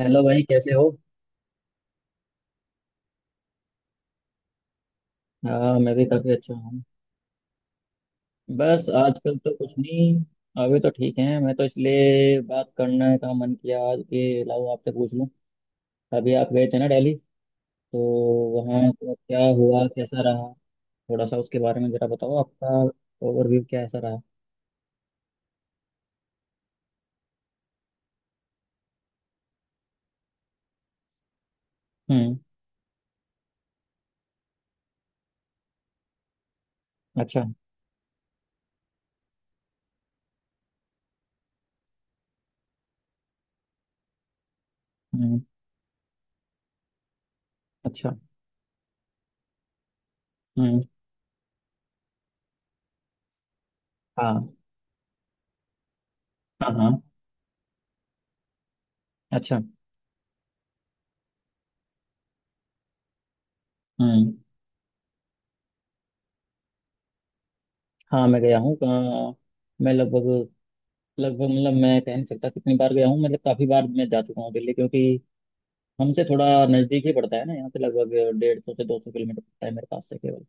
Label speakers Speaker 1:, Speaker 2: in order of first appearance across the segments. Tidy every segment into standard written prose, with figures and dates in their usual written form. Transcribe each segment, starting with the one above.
Speaker 1: Hello भाई, कैसे हो। हाँ, मैं भी काफ़ी अच्छा हूँ। बस आजकल तो कुछ नहीं। अभी तो ठीक है, मैं तो इसलिए बात करने का मन किया आज कि लाओ आपसे पूछ लूँ। अभी आप गए थे ना दिल्ली, तो वहाँ का क्या हुआ, कैसा रहा। थोड़ा सा उसके बारे में जरा बताओ। आपका ओवरव्यू क्या ऐसा रहा। हम्म। अच्छा। हम्म। अच्छा। हम्म। हाँ, हाँ, हाँ। अच्छा। हम्म। हाँ, मैं गया हूँ मैं लगभग लगभग मतलब मैं कह नहीं सकता कितनी बार गया हूँ, मतलब काफ़ी बार मैं जा चुका हूँ दिल्ली, क्योंकि हमसे थोड़ा नजदीक ही पड़ता है ना, यहाँ से लगभग 150 से 200 किलोमीटर पड़ता है मेरे पास से केवल।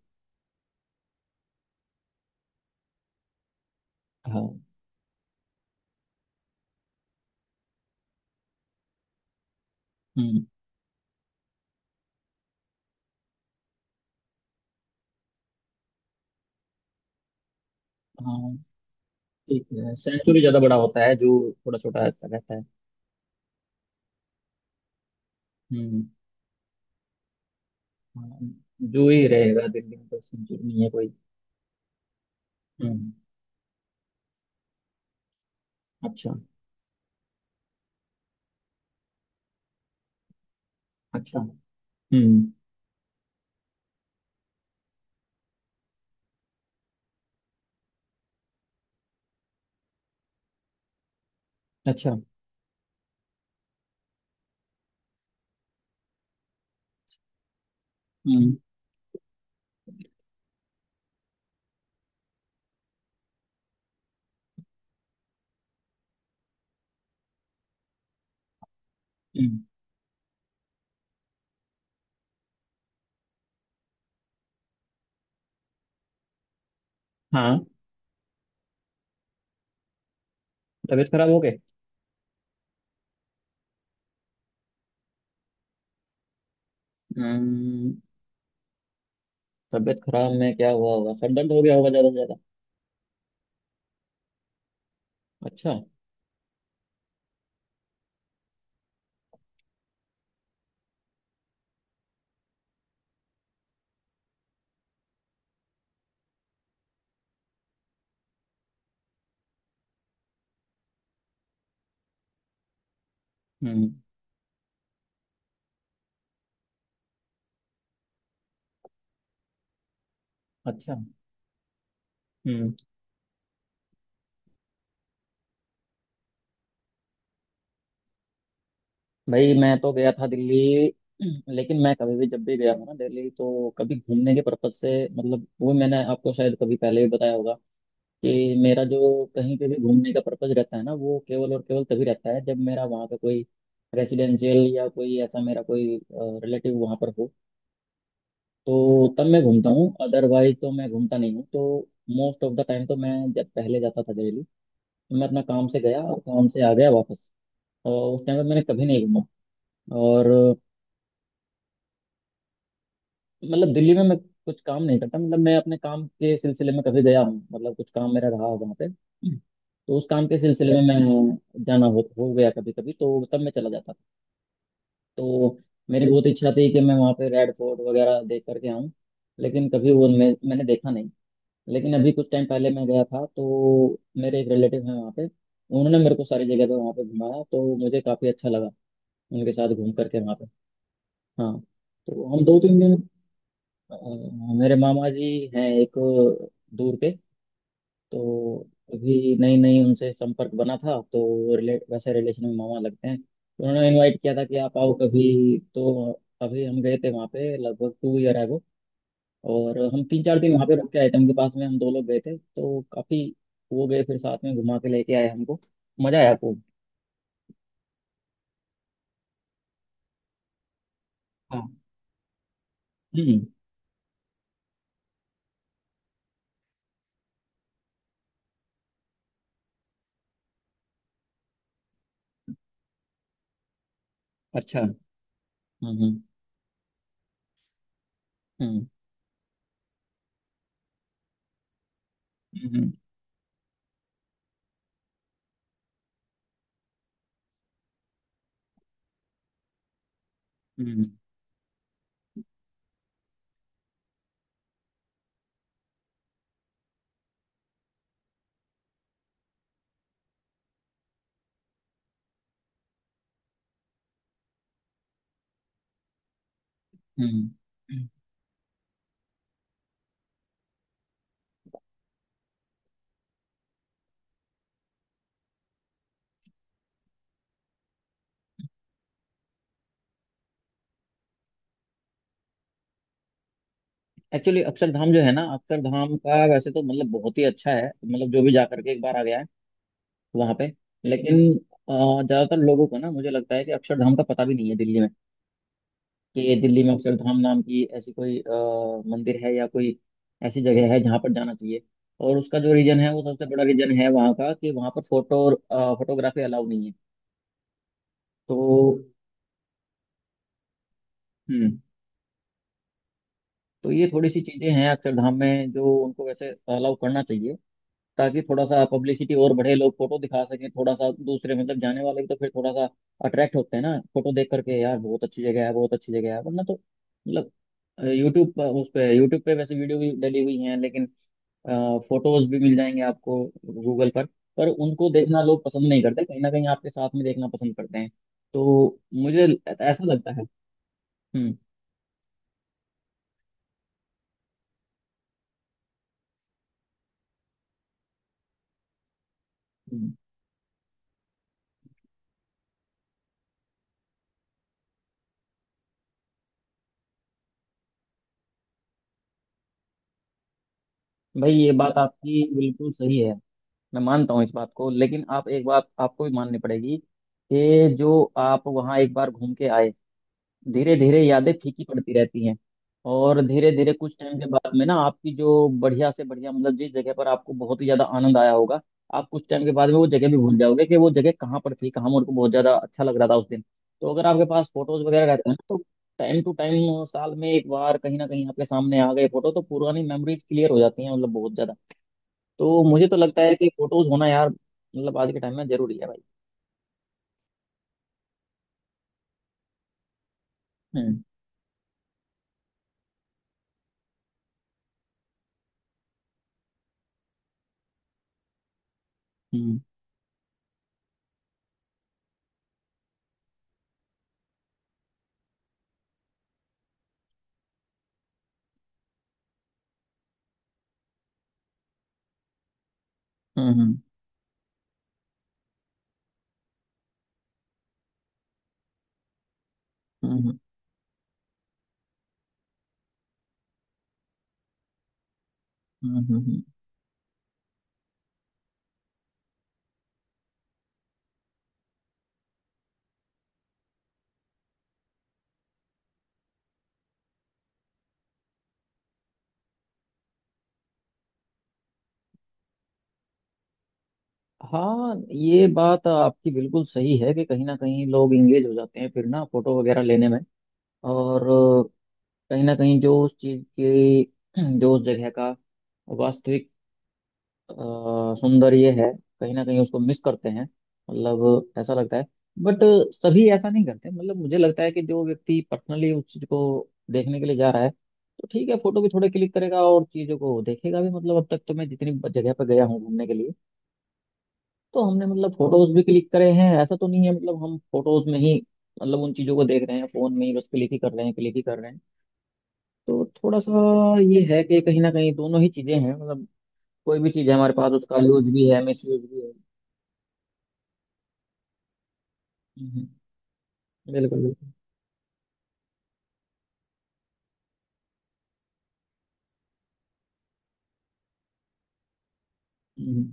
Speaker 1: हाँ। हम्म। हाँ, ठीक है, सेंचुरी ज्यादा बड़ा होता है, जू थोड़ा छोटा रहता रहता है। हम्म। हाँ, जू ही रहेगा दिल्ली में तो, सेंचुरी नहीं है कोई। हम्म। अच्छा। अच्छा। हम्म। अच्छा। हम्म। हम्म। हाँ, तबीयत खराब हो गई। हम्म। तबीयत खराब में क्या हुआ होगा, सर दर्द हो गया होगा ज्यादा से ज्यादा। अच्छा। हम्म। अच्छा। हम्म। भाई, मैं तो गया था दिल्ली, लेकिन मैं कभी भी जब भी गया हूँ ना दिल्ली, तो कभी घूमने के पर्पज से, मतलब वो मैंने आपको शायद कभी पहले भी बताया होगा कि मेरा जो कहीं पे भी घूमने का पर्पज रहता है ना, वो केवल और केवल तभी रहता है जब मेरा वहाँ पे कोई रेसिडेंशियल या कोई ऐसा मेरा कोई रिलेटिव वहाँ पर हो। तो तब मैं घूमता हूँ, अदरवाइज तो मैं घूमता नहीं हूँ। तो मोस्ट ऑफ द टाइम तो मैं जब पहले जाता था दिल्ली, तो मैं अपना काम से गया और काम से आ गया वापस, और उस टाइम पे मैंने कभी नहीं घूमा। और मतलब दिल्ली में मैं कुछ काम नहीं करता, मतलब मैं अपने काम के सिलसिले में कभी गया हूँ, मतलब कुछ काम मेरा रहा वहाँ पे। तो उस काम के सिलसिले में मैं जाना हो गया कभी कभी, तो तब मैं चला जाता। तो मेरी बहुत इच्छा थी कि मैं वहाँ पे रेड फोर्ट वगैरह देख करके आऊँ, लेकिन कभी वो मैंने देखा नहीं। लेकिन अभी कुछ टाइम पहले मैं गया था तो मेरे एक रिलेटिव हैं वहाँ पे, उन्होंने मेरे को सारी जगह पे वहाँ पे घुमाया, तो मुझे काफ़ी अच्छा लगा उनके साथ घूम करके वहाँ पे। हाँ। तो हम 2-3 दिन, अ, मेरे मामा जी हैं एक, दूर के। तो अभी नई नई उनसे संपर्क बना था, तो रिले वैसे रिलेशन में मामा लगते हैं, तो उन्होंने इनवाइट किया था कि आप आओ कभी। तो अभी हम गए थे वहाँ पे लगभग 2 year ago, और हम 3-4 दिन वहाँ पे रुक के आए थे उनके पास में, हम दो लोग गए थे, तो काफी वो गए फिर साथ में घुमा के लेके आए हमको। मजा आया खूब। हाँ। हम्म। अच्छा। हम्म। हम्म। हम्म। हम्म। हम्म। हम्म। हम्म। एक्चुअली अक्षरधाम जो है ना, अक्षरधाम का वैसे तो मतलब बहुत ही अच्छा है, मतलब जो भी जा करके एक बार आ गया है वहां पे। लेकिन अ, ज्यादातर लोगों को ना, मुझे लगता है कि अक्षरधाम का पता भी नहीं है दिल्ली में, कि दिल्ली में अक्षरधाम नाम की ऐसी कोई मंदिर है या कोई ऐसी जगह है जहाँ पर जाना चाहिए। और उसका जो रीजन है, वो सबसे बड़ा रीजन है वहाँ का कि वहाँ पर फोटोग्राफी अलाउ नहीं है। तो हम्म, तो ये थोड़ी सी चीजें हैं अक्षरधाम में जो उनको वैसे अलाउ करना चाहिए, ताकि थोड़ा सा पब्लिसिटी और बढ़े, लोग फोटो दिखा सकें थोड़ा सा दूसरे, मतलब जाने वाले भी तो फिर थोड़ा सा अट्रैक्ट होते हैं ना फोटो देख करके। यार बहुत अच्छी जगह है, बहुत अच्छी जगह है, वरना तो मतलब यूट्यूब पर उस पे यूट्यूब पे वैसे वीडियो भी डली हुई हैं, लेकिन फोटोज भी मिल जाएंगे आपको गूगल पर। पर उनको देखना लोग पसंद नहीं करते, कहीं ना कहीं आपके साथ में देखना पसंद करते हैं। तो मुझे ऐसा लगता है। हम्म। हम्म। भाई, ये बात आपकी बिल्कुल सही है। मैं मानता हूँ इस बात को, लेकिन आप एक बात आपको भी माननी पड़ेगी कि जो आप वहाँ एक बार घूम के आए, धीरे धीरे यादें फीकी पड़ती रहती हैं। और धीरे धीरे कुछ टाइम के बाद में ना आपकी जो बढ़िया से बढ़िया, मतलब जिस जगह पर आपको बहुत ही ज्यादा आनंद आया होगा, आप कुछ टाइम के बाद में वो जगह भी भूल जाओगे कि वो जगह कहाँ पर थी, कहाँ मेरे को बहुत ज्यादा अच्छा लग रहा था उस दिन। तो अगर आपके पास फोटोज वगैरह रहते हैं ना, तो टाइम टू टाइम साल में एक बार कहीं ना कहीं आपके सामने आ गए फोटो, तो पुरानी मेमोरीज क्लियर हो जाती हैं, मतलब बहुत ज्यादा। तो मुझे तो लगता है कि फोटोज होना यार मतलब आज के टाइम में जरूरी है भाई। हम्म। हम्म। हम्म। हम्म। हम्म। हाँ, ये बात आपकी बिल्कुल सही है कि कहीं ना कहीं लोग इंगेज हो जाते हैं फिर ना फोटो वगैरह लेने में। और कहीं ना कहीं जो उस चीज़ की, जो उस जगह का वास्तविक अ, सुंदर ये है, कहीं ना कहीं उसको मिस करते हैं, मतलब ऐसा लगता है। बट सभी ऐसा नहीं करते, मतलब मुझे लगता है कि जो व्यक्ति पर्सनली उस चीज को देखने के लिए जा रहा है, तो ठीक है फोटो भी थोड़े क्लिक करेगा और चीजों को देखेगा भी। मतलब अब तक तो मैं जितनी जगह पर गया हूँ घूमने के लिए, तो हमने मतलब फोटोज भी क्लिक करे हैं, ऐसा तो नहीं है मतलब हम फोटोज में ही, मतलब उन चीजों को देख रहे हैं, फोन में ही बस क्लिक ही कर रहे हैं, क्लिक ही कर रहे हैं। तो थोड़ा सा ये है कि कहीं ना कहीं दोनों ही चीजें हैं, मतलब कोई भी चीज है हमारे पास, उसका यूज भी है मिस यूज भी है। हम्म, बिल्कुल बिल्कुल। हम्म।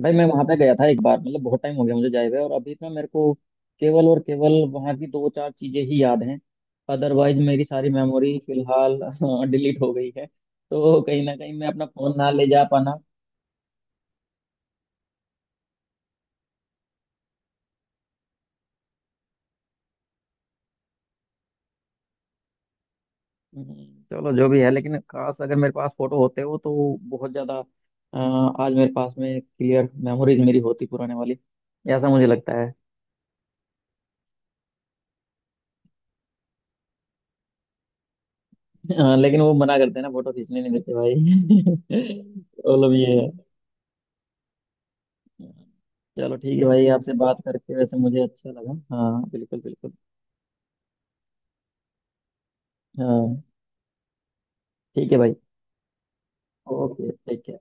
Speaker 1: भाई, मैं वहां पे गया था एक बार, मतलब बहुत टाइम हो गया मुझे जाए हुए, और अभी ना मेरे को केवल और केवल वहां की दो चार चीजें ही याद हैं, अदरवाइज मेरी सारी मेमोरी फिलहाल डिलीट हो गई है। तो कहीं ना कहीं मैं अपना फोन ना ले जा पाना। चलो जो भी है, लेकिन काश अगर मेरे पास फोटो होते हो तो बहुत ज्यादा अ, आज मेरे पास में क्लियर मेमोरीज मेरी होती पुराने वाली, ऐसा मुझे लगता है। लेकिन वो मना करते हैं ना, फोटो खींचने नहीं देते भाई। प्रॉब्लम ये। चलो ठीक है भाई, आपसे बात करके वैसे मुझे अच्छा लगा। हाँ, बिल्कुल बिल्कुल। हाँ, ठीक है भाई। ओके, ठीक है।